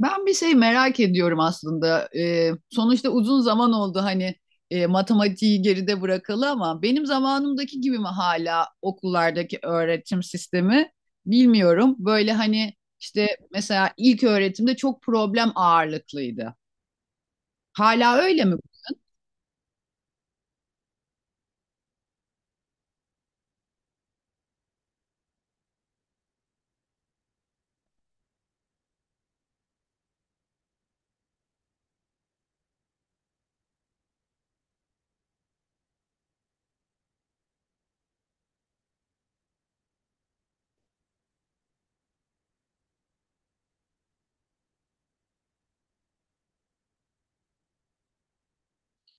Ben bir şey merak ediyorum aslında. Sonuçta uzun zaman oldu, hani matematiği geride bırakalı, ama benim zamanımdaki gibi mi hala okullardaki öğretim sistemi bilmiyorum. Böyle hani işte mesela ilk öğretimde çok problem ağırlıklıydı. Hala öyle mi?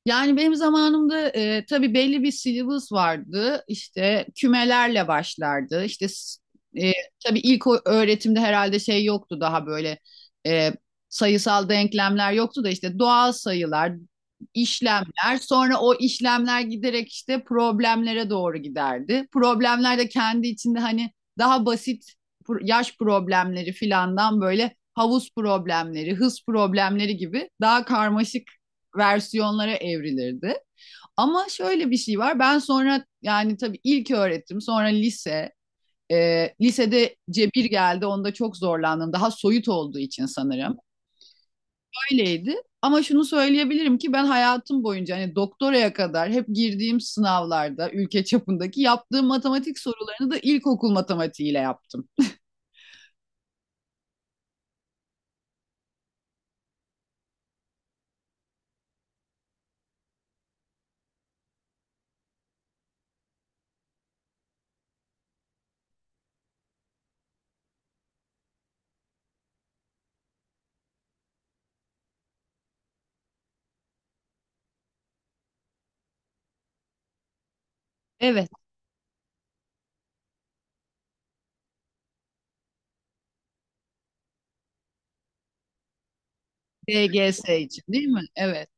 Yani benim zamanımda tabii belli bir syllabus vardı. İşte kümelerle başlardı. E, tabii ilk öğretimde herhalde şey yoktu daha böyle, e, sayısal denklemler yoktu da işte doğal sayılar, işlemler. Sonra o işlemler giderek işte problemlere doğru giderdi. Problemler de kendi içinde hani daha basit yaş problemleri filandan böyle havuz problemleri, hız problemleri gibi daha karmaşık versiyonlara evrilirdi. Ama şöyle bir şey var. Ben sonra yani tabii ilk öğretim, sonra lise. E, lisede cebir geldi. Onda çok zorlandım. Daha soyut olduğu için sanırım. Öyleydi. Ama şunu söyleyebilirim ki ben hayatım boyunca hani doktoraya kadar hep girdiğim sınavlarda ülke çapındaki yaptığım matematik sorularını da ilkokul matematiğiyle yaptım. Evet, DGS için değil mi? Evet.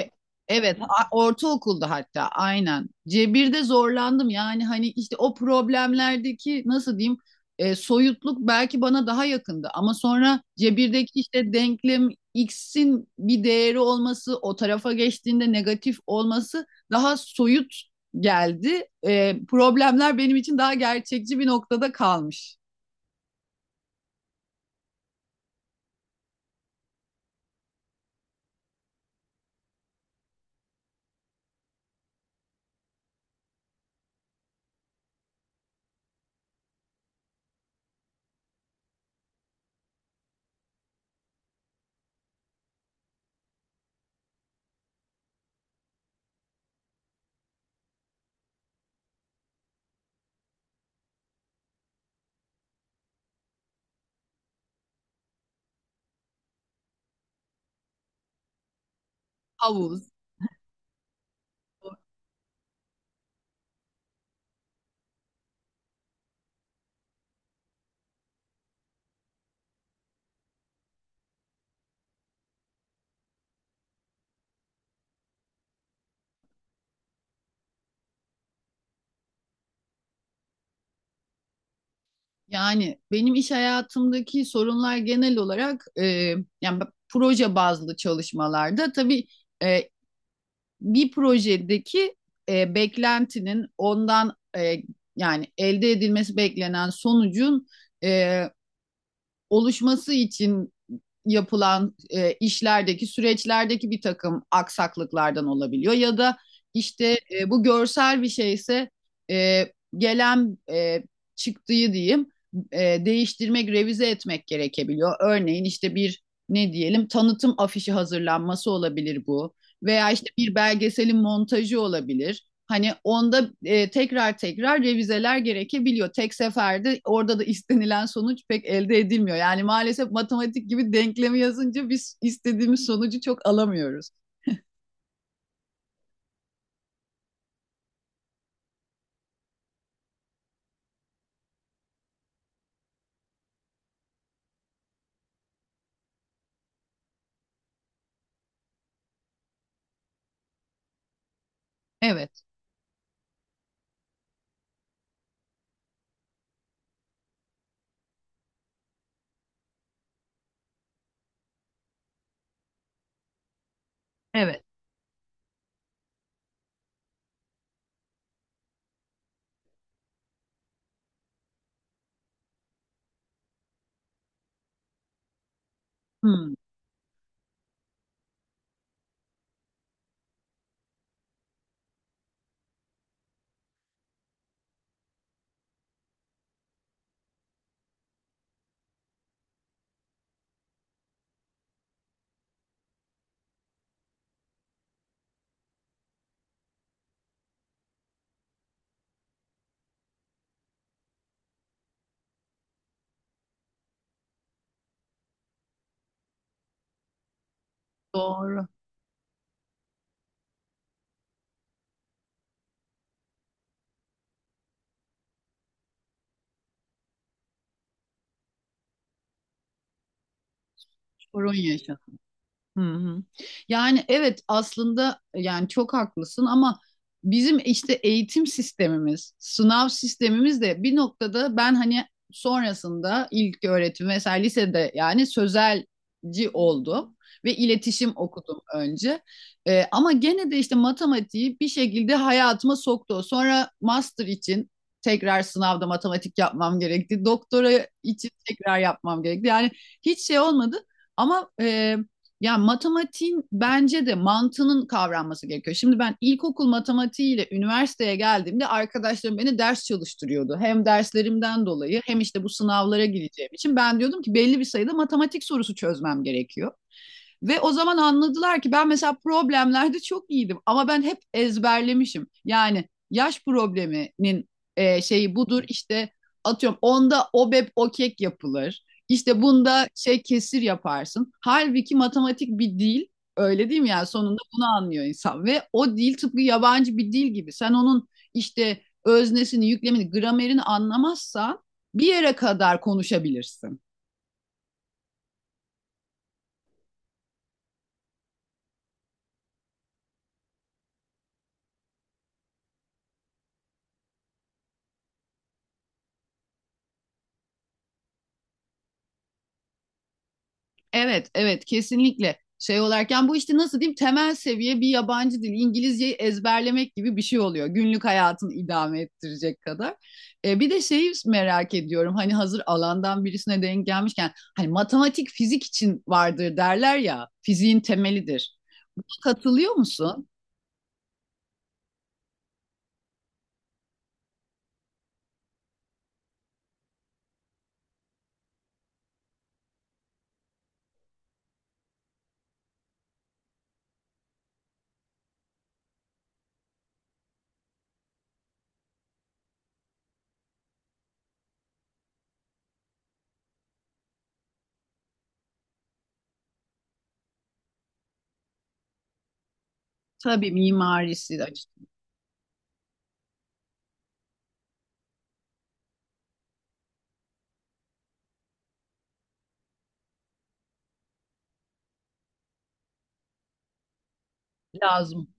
E- Evet, ortaokulda hatta aynen. Cebir'de zorlandım, yani hani işte o problemlerdeki nasıl diyeyim, soyutluk belki bana daha yakındı, ama sonra Cebir'deki işte denklem, x'in bir değeri olması, o tarafa geçtiğinde negatif olması daha soyut geldi. E, problemler benim için daha gerçekçi bir noktada kalmış. Havuz. Yani benim iş hayatımdaki sorunlar genel olarak yani proje bazlı çalışmalarda tabii e, bir projedeki beklentinin ondan, yani elde edilmesi beklenen sonucun e, oluşması için yapılan işlerdeki süreçlerdeki bir takım aksaklıklardan olabiliyor, ya da işte bu görsel bir şeyse e, gelen çıktığı diyeyim, e, değiştirmek, revize etmek gerekebiliyor. Örneğin işte bir, ne diyelim, tanıtım afişi hazırlanması olabilir bu veya işte bir belgeselin montajı olabilir. Hani onda tekrar tekrar revizeler gerekebiliyor. Tek seferde orada da istenilen sonuç pek elde edilmiyor. Yani maalesef matematik gibi denklemi yazınca biz istediğimiz sonucu çok alamıyoruz. Evet, evet. Hmm, doğru. Sorun yaşa. Hı hı. Yani evet aslında, yani çok haklısın, ama bizim işte eğitim sistemimiz, sınav sistemimiz de bir noktada, ben hani sonrasında ilk öğretim, mesela lisede yani sözelci oldum ve iletişim okudum önce. Ama gene de işte matematiği bir şekilde hayatıma soktu. Sonra master için tekrar sınavda matematik yapmam gerekti. Doktora için tekrar yapmam gerekti. Yani hiç şey olmadı. Ama ya matematiğin bence de mantığının kavranması gerekiyor. Şimdi ben ilkokul matematiğiyle üniversiteye geldiğimde arkadaşlarım beni ders çalıştırıyordu. Hem derslerimden dolayı hem işte bu sınavlara gireceğim için ben diyordum ki belli bir sayıda matematik sorusu çözmem gerekiyor. Ve o zaman anladılar ki ben mesela problemlerde çok iyiydim, ama ben hep ezberlemişim. Yani yaş probleminin şeyi budur, işte atıyorum onda obep o kek yapılır. İşte bunda şey kesir yaparsın. Halbuki matematik bir dil, öyle değil mi? Yani sonunda bunu anlıyor insan ve o dil tıpkı yabancı bir dil gibi. Sen onun işte öznesini, yüklemini, gramerini anlamazsan bir yere kadar konuşabilirsin. Evet, evet kesinlikle, şey olarken bu işte nasıl diyeyim, temel seviye bir yabancı dil İngilizceyi ezberlemek gibi bir şey oluyor. Günlük hayatını idame ettirecek kadar. E, bir de şeyi merak ediyorum, hani hazır alandan birisine denk gelmişken, hani matematik fizik için vardır derler ya, fiziğin temelidir. Buna katılıyor musun? Tabii mimarisi de açık- lazım.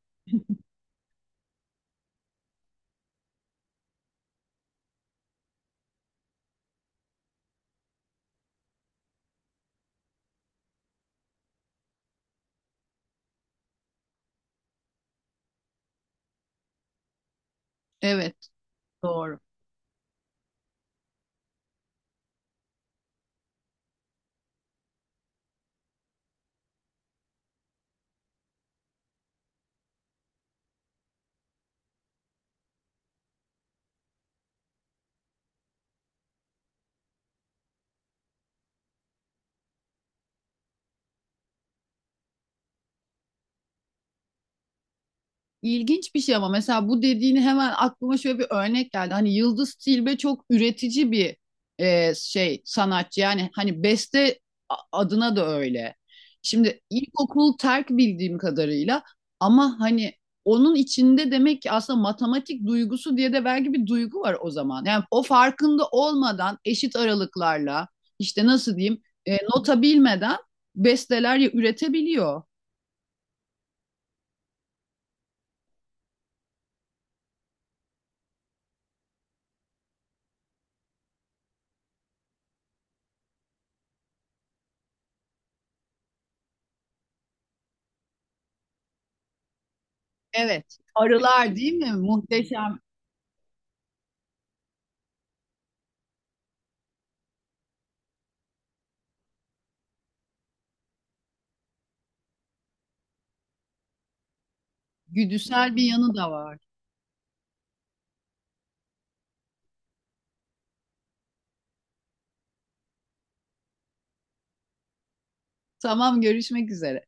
Evet, doğru. İlginç bir şey ama, mesela bu dediğini hemen aklıma şöyle bir örnek geldi. Hani Yıldız Tilbe çok üretici bir şey sanatçı. Yani hani beste adına da öyle. Şimdi ilkokul terk bildiğim kadarıyla, ama hani onun içinde demek ki aslında matematik duygusu diye de belki bir duygu var o zaman. Yani o farkında olmadan eşit aralıklarla işte nasıl diyeyim, nota bilmeden besteler üretebiliyor. Evet. Arılar değil mi? Muhteşem güdüsel bir yanı da var. Tamam, görüşmek üzere.